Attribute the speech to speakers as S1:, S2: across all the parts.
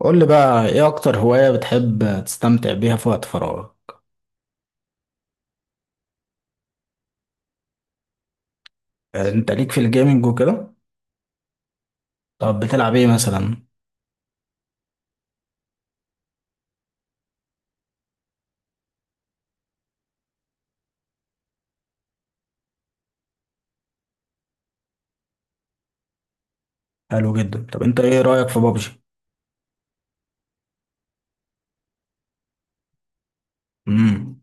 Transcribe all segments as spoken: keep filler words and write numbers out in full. S1: قول لي بقى ايه اكتر هواية بتحب تستمتع بيها في وقت فراغك؟ يعني انت ليك في الجيمنج وكده. طب بتلعب ايه مثلا؟ حلو جدا. طب انت ايه رأيك في بابجي؟ امم.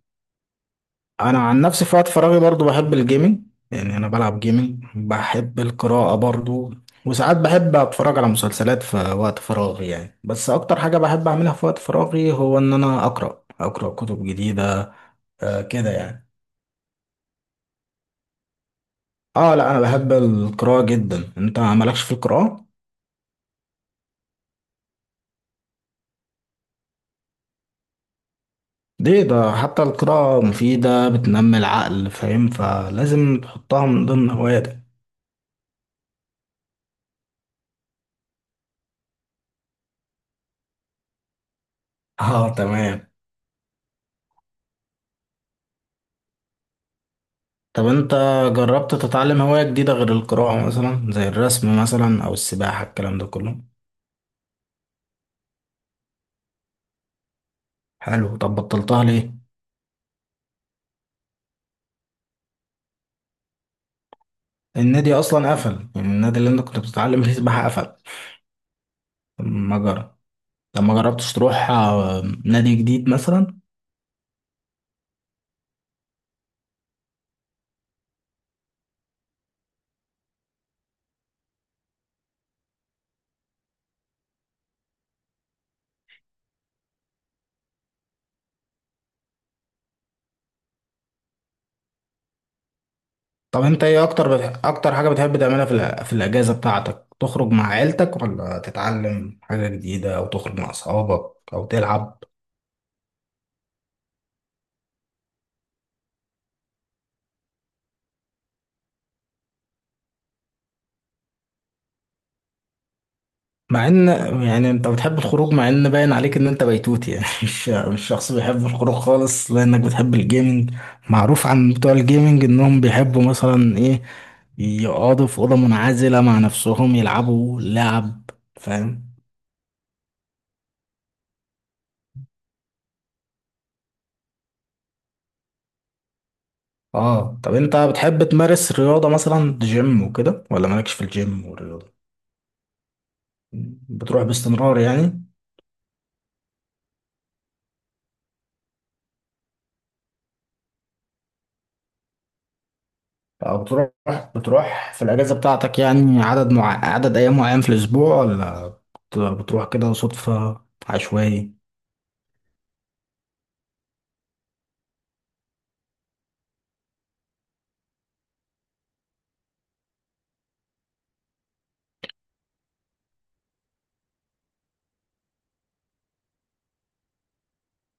S1: انا عن نفسي في وقت فراغي برضو بحب الجيمنج، يعني انا بلعب جيمنج. بحب القراءة برضو، وساعات بحب اتفرج على مسلسلات في وقت فراغي يعني، بس اكتر حاجة بحب اعملها في وقت فراغي هو ان انا اقرأ اقرأ كتب جديدة. آه كده يعني. اه، لا انا بحب القراءة جدا. انت مالكش في القراءة؟ ليه؟ ده حتى القراءة مفيدة، بتنمي العقل، فاهم؟ فلازم تحطها من ضمن هواياتك. اه تمام. طب انت جربت تتعلم هواية جديدة غير القراءة، مثلا زي الرسم مثلا، او السباحة، الكلام ده كله؟ حلو. طب بطلتها ليه؟ النادي اصلا قفل؟ يعني النادي اللي انت كنت بتتعلم فيه سباحة قفل؟ ما جرى. طب ما جربتش تروح آه، نادي جديد مثلا؟ طب انت ايه اكتر بتح... اكتر حاجة بتحب تعملها في الأ- في الاجازة بتاعتك؟ تخرج مع عيلتك، ولا تتعلم حاجة جديدة، او تخرج مع اصحابك، او تلعب؟ مع ان يعني انت بتحب الخروج، مع ان باين عليك ان انت بيتوت يعني مش مش شخص بيحب الخروج خالص، لانك بتحب الجيمنج. معروف عن بتوع الجيمنج انهم بيحبوا مثلا ايه؟ يقعدوا في أوضة منعزلة مع نفسهم يلعبوا لعب، فاهم؟ اه. طب انت بتحب تمارس رياضة، مثلا جيم وكده، ولا مالكش في الجيم والرياضة؟ بتروح باستمرار يعني، او بتروح بتروح في الاجازه بتاعتك يعني، عدد مع... عدد ايام معين في الاسبوع، ولا بت- بتروح كده صدفه، عشوائي؟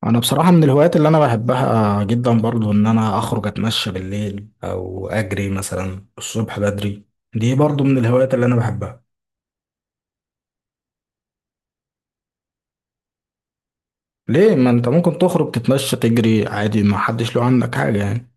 S1: انا بصراحه من الهوايات اللي انا بحبها جدا برضو، ان انا اخرج اتمشى بالليل، او اجري مثلا الصبح بدري. دي برضو من الهوايات اللي انا بحبها. ليه؟ ما انت ممكن تخرج تتمشى تجري عادي، ما حدش له عنك حاجه يعني.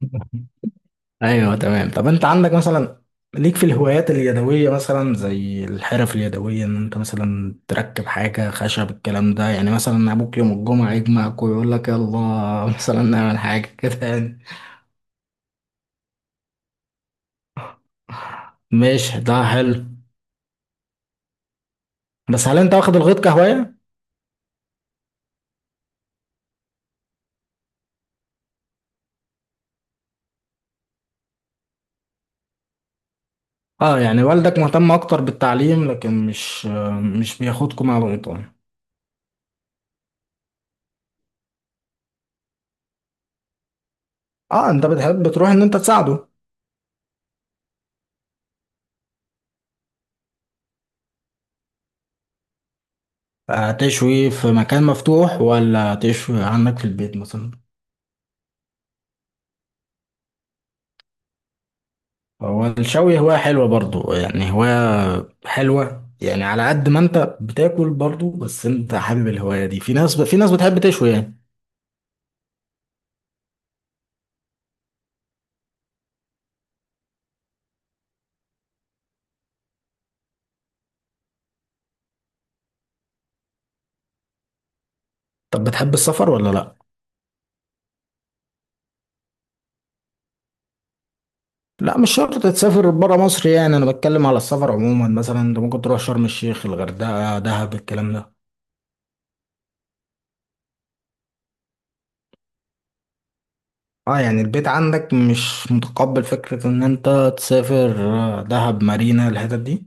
S1: ايوه تمام. طب انت عندك مثلا، ليك في الهوايات اليدويه، مثلا زي الحرف اليدويه، ان انت مثلا تركب حاجه خشب، الكلام ده؟ يعني مثلا ابوك يوم الجمعه يجمعك ويقول لك يلا مثلا نعمل حاجه كده يعني. ماشي ده حلو. بس هل انت واخد الغيط كهوايه؟ اه يعني والدك مهتم اكتر بالتعليم، لكن مش مش بياخدكم مع الغيطان. اه، انت بتحب تروح ان انت تساعده. آه، تشوي في مكان مفتوح، ولا تشوي عندك في البيت مثلا؟ هو الشوي هواية حلوة برضو، يعني هواية حلوة، يعني على قد ما انت بتاكل برضو، بس انت حابب الهواية دي. في ناس ب... في ناس بتحب تشوي يعني. طب بتحب السفر ولا لا؟ لا، مش شرط تسافر برا مصر، يعني انا بتكلم على السفر عموما، مثلا انت ممكن تروح شرم الشيخ، الغردقة، دهب، الكلام ده. اه يعني البيت عندك مش متقبل فكرة ان انت تسافر آه، دهب، مارينا، الحتت دي.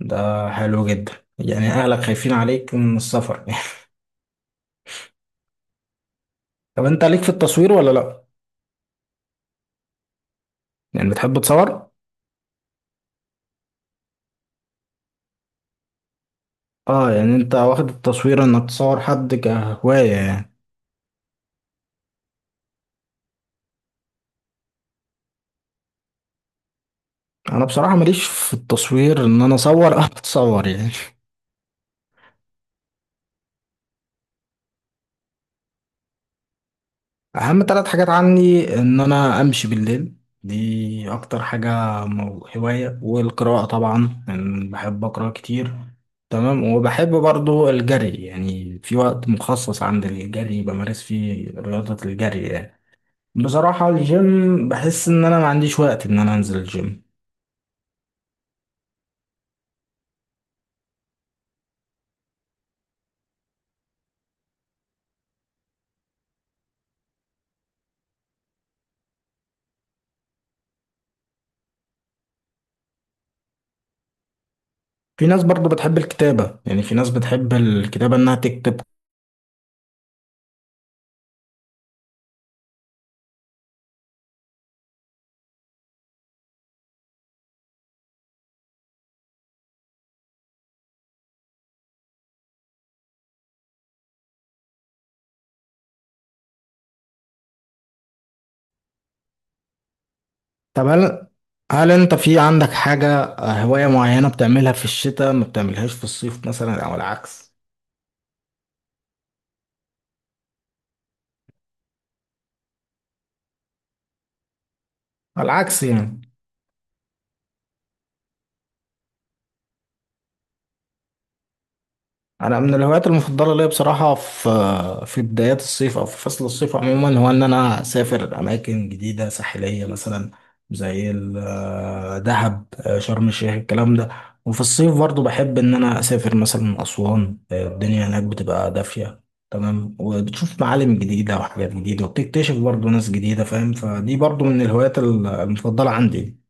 S1: ده حلو جدا. يعني اهلك خايفين عليك من السفر. طب انت ليك في التصوير ولا لا؟ يعني بتحب تصور؟ اه يعني انت واخد التصوير انك تصور حد كهواية يعني. انا بصراحة ماليش في التصوير، ان انا اصور او اتصور يعني. اهم ثلاث حاجات عني ان انا امشي بالليل، دي اكتر حاجة، مو- هواية، والقراءة طبعا يعني، بحب اقرا كتير. تمام. وبحب برضو الجري، يعني في وقت مخصص عند الجري بمارس فيه رياضة الجري يعني. بصراحة الجيم بحس ان انا ما عنديش وقت ان انا انزل الجيم. في ناس برضو بتحب الكتابة، يعني في ناس بتحب الكتابة إنها تكتب. طب هل هل أنت في عندك حاجة، آه، هواية معينة بتعملها في الشتاء ما بتعملهاش في الصيف مثلا، أو العكس؟ على العكس يعني. انا من الهوايات المفضله ليا بصراحه، في في بدايات الصيف، او في فصل الصيف عموما، هو ان انا اسافر اماكن جديده ساحليه مثلا، زي ال- آه، دهب، آه، شرم الشيخ، الكلام ده. وفي الصيف برضو بحب ان انا اسافر مثلا اسوان، آه، الدنيا هناك بتبقى دافيه تمام، وبتشوف معالم جديده وحاجات جديده، وبتكتشف برضو ناس جديده، فاهم؟ فدي برضو من الهوايات ال- المفضله عندي.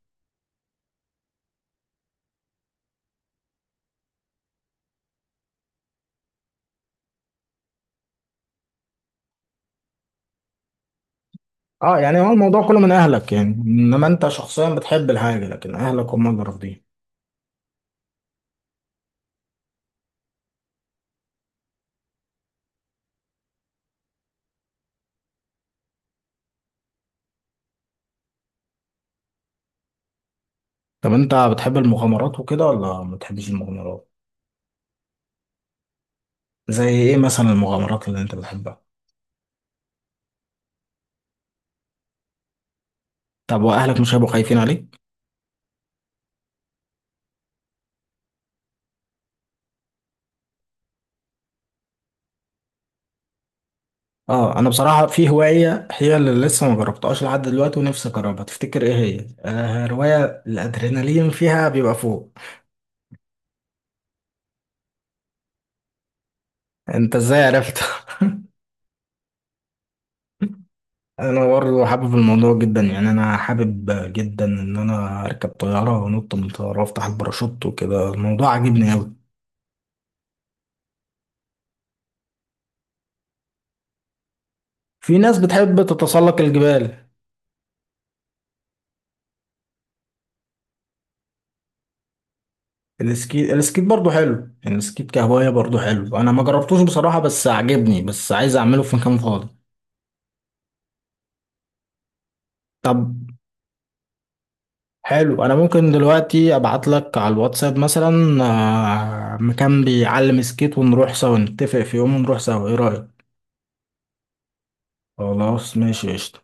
S1: اه يعني هو الموضوع كله من اهلك، يعني انما انت شخصيا بتحب الحاجه، لكن اهلك هم اللي رافضين. طب انت بتحب المغامرات وكده، ولا ما بتحبش المغامرات؟ زي ايه مثلا المغامرات اللي انت بتحبها؟ طب واهلك مش هيبقوا خايفين عليك؟ اه انا بصراحه في هوايه، هي اللي لسه ما جربتهاش لحد دلوقتي ونفسي اجربها، تفتكر ايه هي؟ آه روايه الادرينالين فيها بيبقى فوق. انت ازاي عرفت؟ انا برضه حابب الموضوع جدا يعني، انا حابب جدا ان انا اركب طياره وانط من طياره وافتح الباراشوت وكده، الموضوع عاجبني قوي. في ناس بتحب تتسلق الجبال. السكيت، السكيت برضه حلو يعني، السكيت كهواية برضه حلو. انا ما جربتوش بصراحة، بس عجبني، بس عايز اعمله في مكان فاضي. طب حلو، انا ممكن دلوقتي ابعت لك على الواتساب مثلا آه، مكان بيعلم سكيت، ونروح سوا نتفق في يوم ونروح سوا، ايه رأيك؟ خلاص ماشي قشطة.